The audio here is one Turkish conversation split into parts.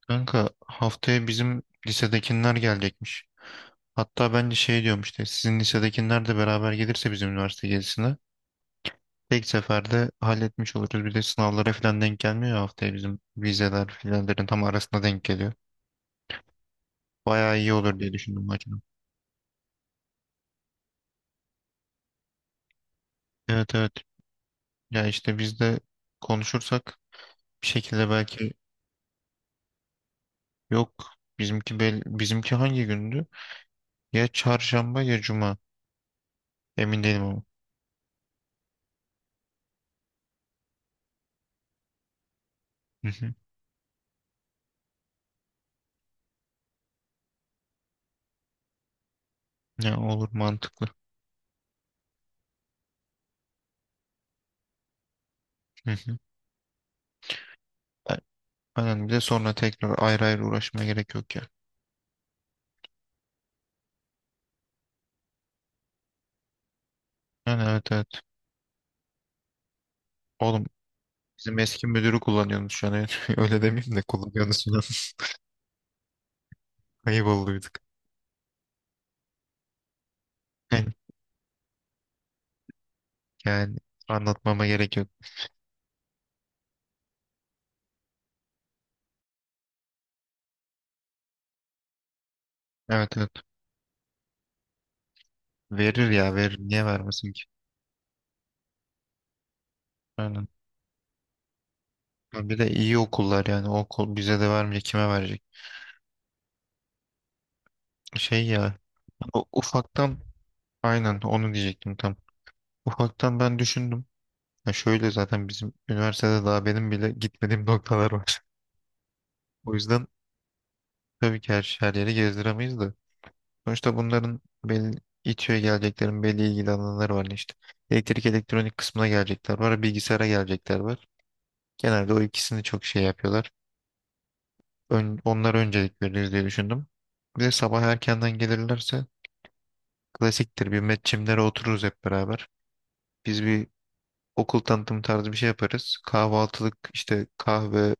Kanka haftaya bizim lisedekiler gelecekmiş. Hatta bence şey diyorum işte sizin lisedekiler de beraber gelirse bizim üniversite gezisine tek seferde halletmiş oluruz. Bir de sınavlara falan denk gelmiyor ya, haftaya bizim vizeler filanların tam arasında denk geliyor. Bayağı iyi olur diye düşündüm acaba. Evet evet, ya işte biz de konuşursak bir şekilde belki. Yok, bizimki hangi gündü? Ya çarşamba ya cuma, emin değilim ama. Hı hı. Ya olur, mantıklı. Hı hı. Aynen, bir de sonra tekrar ayrı ayrı uğraşmaya gerek yok ya. Yani evet evet. Oğlum, bizim eski müdürü kullanıyorsunuz şu an. Öyle demeyeyim de, kullanıyorsunuz şu an. Ayıp olduyduk. Yani, yani anlatmama gerek yok. Evet evet. Verir ya, verir. Niye vermesin ki? Aynen. Ha, bir de iyi okullar yani. O okul bize de vermeyecek, kime verecek? Şey ya. O ufaktan, aynen onu diyecektim tam. Ufaktan ben düşündüm. Ya şöyle, zaten bizim üniversitede daha benim bile gitmediğim noktalar var. O yüzden tabii ki her yeri gezdiremeyiz de. Sonuçta bunların belli, İTÜ'ye geleceklerin belli ilgili alanları var işte. Elektrik elektronik kısmına gelecekler var, bilgisayara gelecekler var. Genelde o ikisini çok şey yapıyorlar. Onlara öncelik veririz diye düşündüm. Bir de sabah erkenden gelirlerse klasiktir, bir metçimlere otururuz hep beraber. Biz bir okul tanıtım tarzı bir şey yaparız. Kahvaltılık işte, kahve,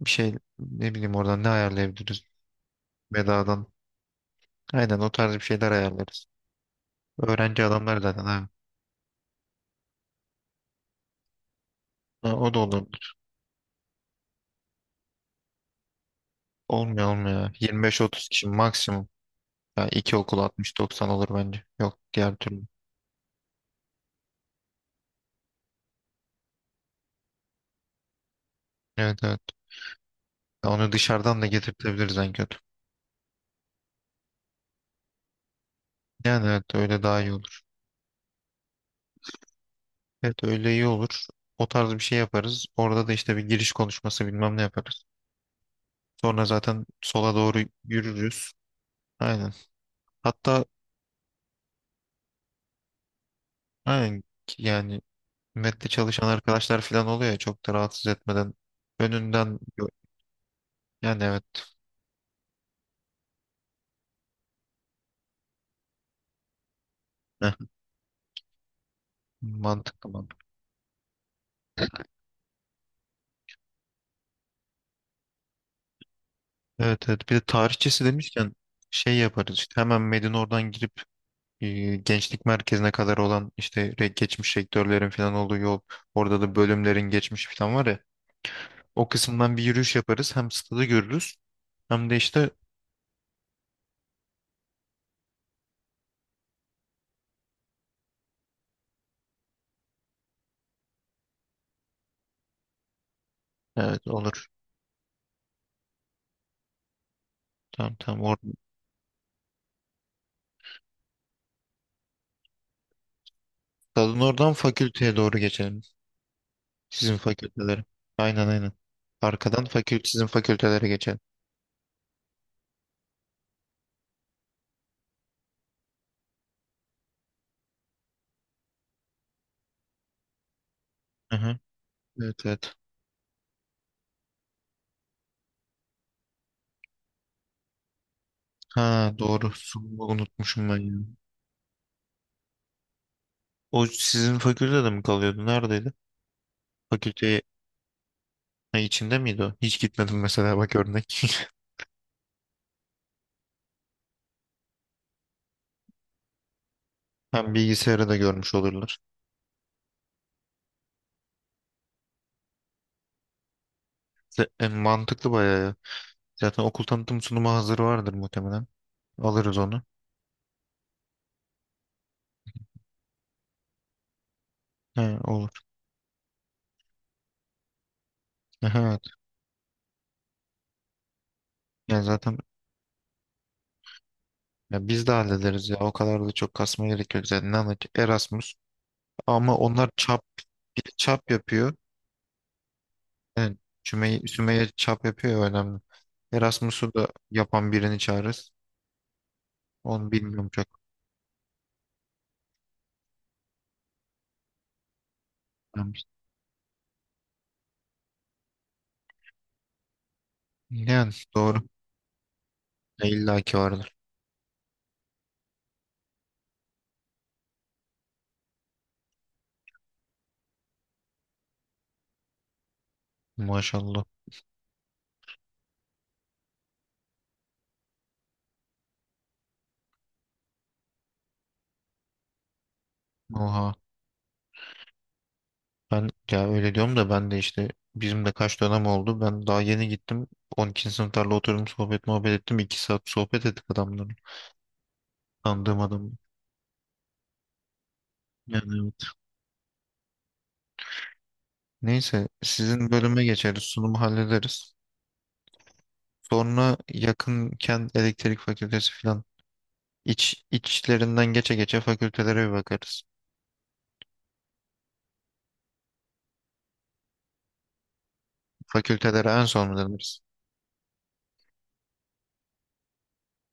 bir şey ne bileyim oradan ne ayarlayabiliriz bedadan. Aynen o tarz bir şeyler ayarlarız. Öğrenci adamlar zaten abi. Ha, o da olur. Olmuyor olmuyor. 25-30 kişi maksimum. Yani iki okul 60-90 olur bence. Yok diğer türlü. Evet evet. Ya onu dışarıdan da getirtebiliriz en kötü. Yani evet, öyle daha iyi olur. Evet, öyle iyi olur. O tarz bir şey yaparız. Orada da işte bir giriş konuşması bilmem ne yaparız. Sonra zaten sola doğru yürürüz. Aynen. Hatta aynen, yani mette çalışan arkadaşlar falan oluyor ya, çok da rahatsız etmeden önünden, yani evet. Heh, mantıklı. Evet evet, bir de tarihçesi demişken şey yaparız işte, hemen Medine oradan girip gençlik merkezine kadar olan işte geçmiş rektörlerin falan olduğu yol, orada da bölümlerin geçmiş falan var ya, o kısımdan bir yürüyüş yaparız, hem stadı görürüz hem de işte evet. Olur, tamam tamam. Stadın oradan fakülteye doğru geçelim, sizin fakültelere. Aynen aynen, arkadan sizin fakültelere geçelim. Hı hı. Evet evet. Ha, doğru, sunumu unutmuşum ben ya. O sizin fakültede mi kalıyordu, neredeydi? Fakülte içinde miydi o? Hiç gitmedim mesela bak, örnek. Hem bilgisayarı da görmüş olurlar. Mantıklı bayağı ya. Zaten okul tanıtım sunumu hazır vardır muhtemelen. Alırız onu. He, olur. Aha, evet. Yani zaten, ya biz de hallederiz ya. O kadar da çok kasma gerek yok zaten. Ne anlatıyor? Erasmus. Ama onlar bir çap yapıyor. Yani Sümeyye çap yapıyor ya, önemli. Erasmus'u da yapan birini çağırırız. Onu bilmiyorum çok. Yani doğru. Ya, İlla ki vardır. Maşallah. Oha. Ben ya öyle diyorum da, ben de işte bizim de kaç dönem oldu. Ben daha yeni gittim. 12. sınıflarla oturdum, sohbet muhabbet ettim. 2 saat sohbet ettik adamların. Tanıdığım adam. Yani evet. Neyse, sizin bölüme geçeriz. Sunumu hallederiz. Sonra yakınken elektrik fakültesi falan. İç, içlerinden geçe geçe fakültelere bir bakarız. Fakültelere en son mu deniriz?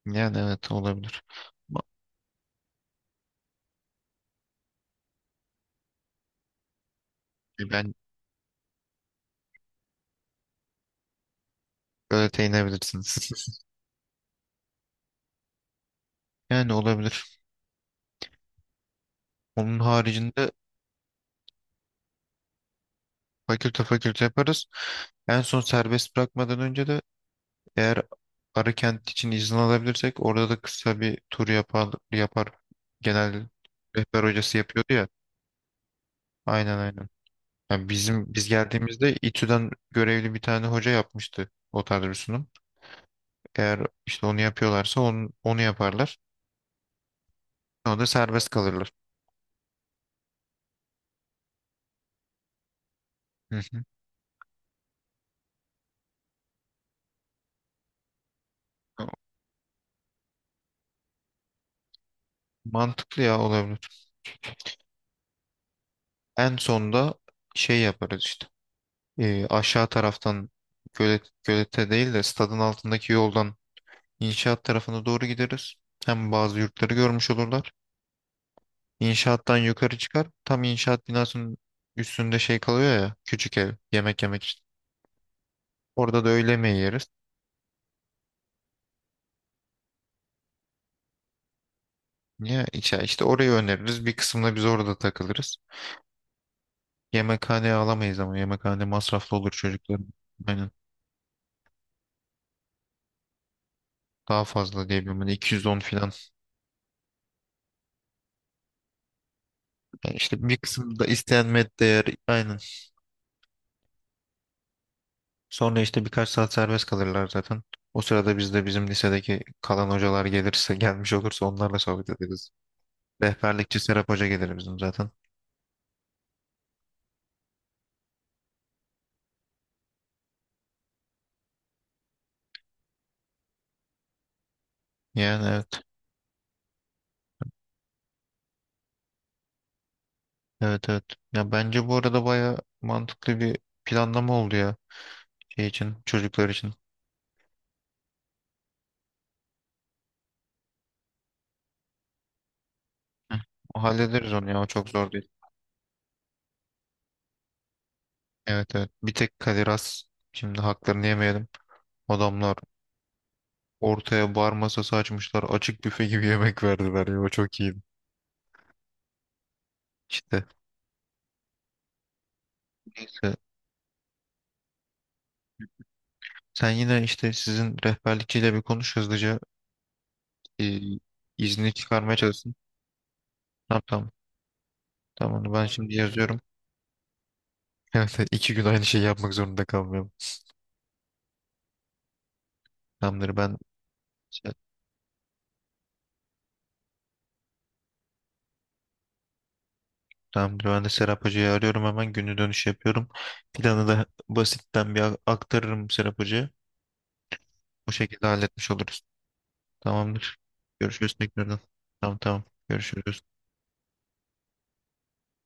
Yani evet, olabilir. Ba- Ben öyle teyinebilirsiniz. Yani olabilir. Onun haricinde fakülte fakülte yaparız. En son serbest bırakmadan önce de, eğer Arıkent için izin alabilirsek, orada da kısa bir tur yapar, yapar. Genel rehber hocası yapıyordu ya. Aynen aynen. Yani biz geldiğimizde İTÜ'den görevli bir tane hoca yapmıştı o tarz bir sunum. Eğer işte onu yapıyorlarsa onu yaparlar. O da serbest kalırlar. Hı hı. Mantıklı, ya olabilir. En sonda şey yaparız işte. Aşağı taraftan gölete değil de stadın altındaki yoldan inşaat tarafına doğru gideriz. Hem bazı yurtları görmüş olurlar. İnşaattan yukarı çıkar. Tam inşaat binasının üstünde şey kalıyor ya, küçük ev, yemek yemek için. Orada da öğle yemeği yeriz. Ya işte orayı öneririz. Bir kısmında biz orada takılırız. Yemekhane alamayız, ama yemekhane masraflı olur çocukların. Aynen. Daha fazla diyebilirim. Hani 210 filan. Yani işte bir kısmı da istenmet değer. Aynen. Sonra işte birkaç saat serbest kalırlar zaten. O sırada biz de bizim lisedeki kalan hocalar gelirse, gelmiş olursa, onlarla sohbet ederiz. Rehberlikçi Serap Hoca gelir bizim zaten. Yani evet. Evet evet. Ya bence bu arada baya mantıklı bir planlama oldu ya, şey için, çocuklar için. Heh. O hallederiz onu ya. O çok zor değil. Evet evet. Bir tek Kadir Has, şimdi haklarını yemeyelim. Adamlar ortaya bar masası açmışlar. Açık büfe gibi yemek verdiler ya. O çok iyiydi. İşte işte sen yine işte sizin rehberlikçiyle bir konuş hızlıca, e, izni çıkarmaya çalışsın. Tamam tamam. Tamam, onu ben. Tamam, şimdi yazıyorum. Evet, 2 gün aynı şeyi yapmak zorunda kalmıyorum. Tamamdır ben tamamdır ben de Serap Hoca'yı arıyorum, hemen günü dönüş yapıyorum. Planı da basitten aktarırım Serap Hoca'ya. Bu şekilde halletmiş oluruz. Tamamdır. Görüşürüz tekrardan. Tamam tamam. Görüşürüz.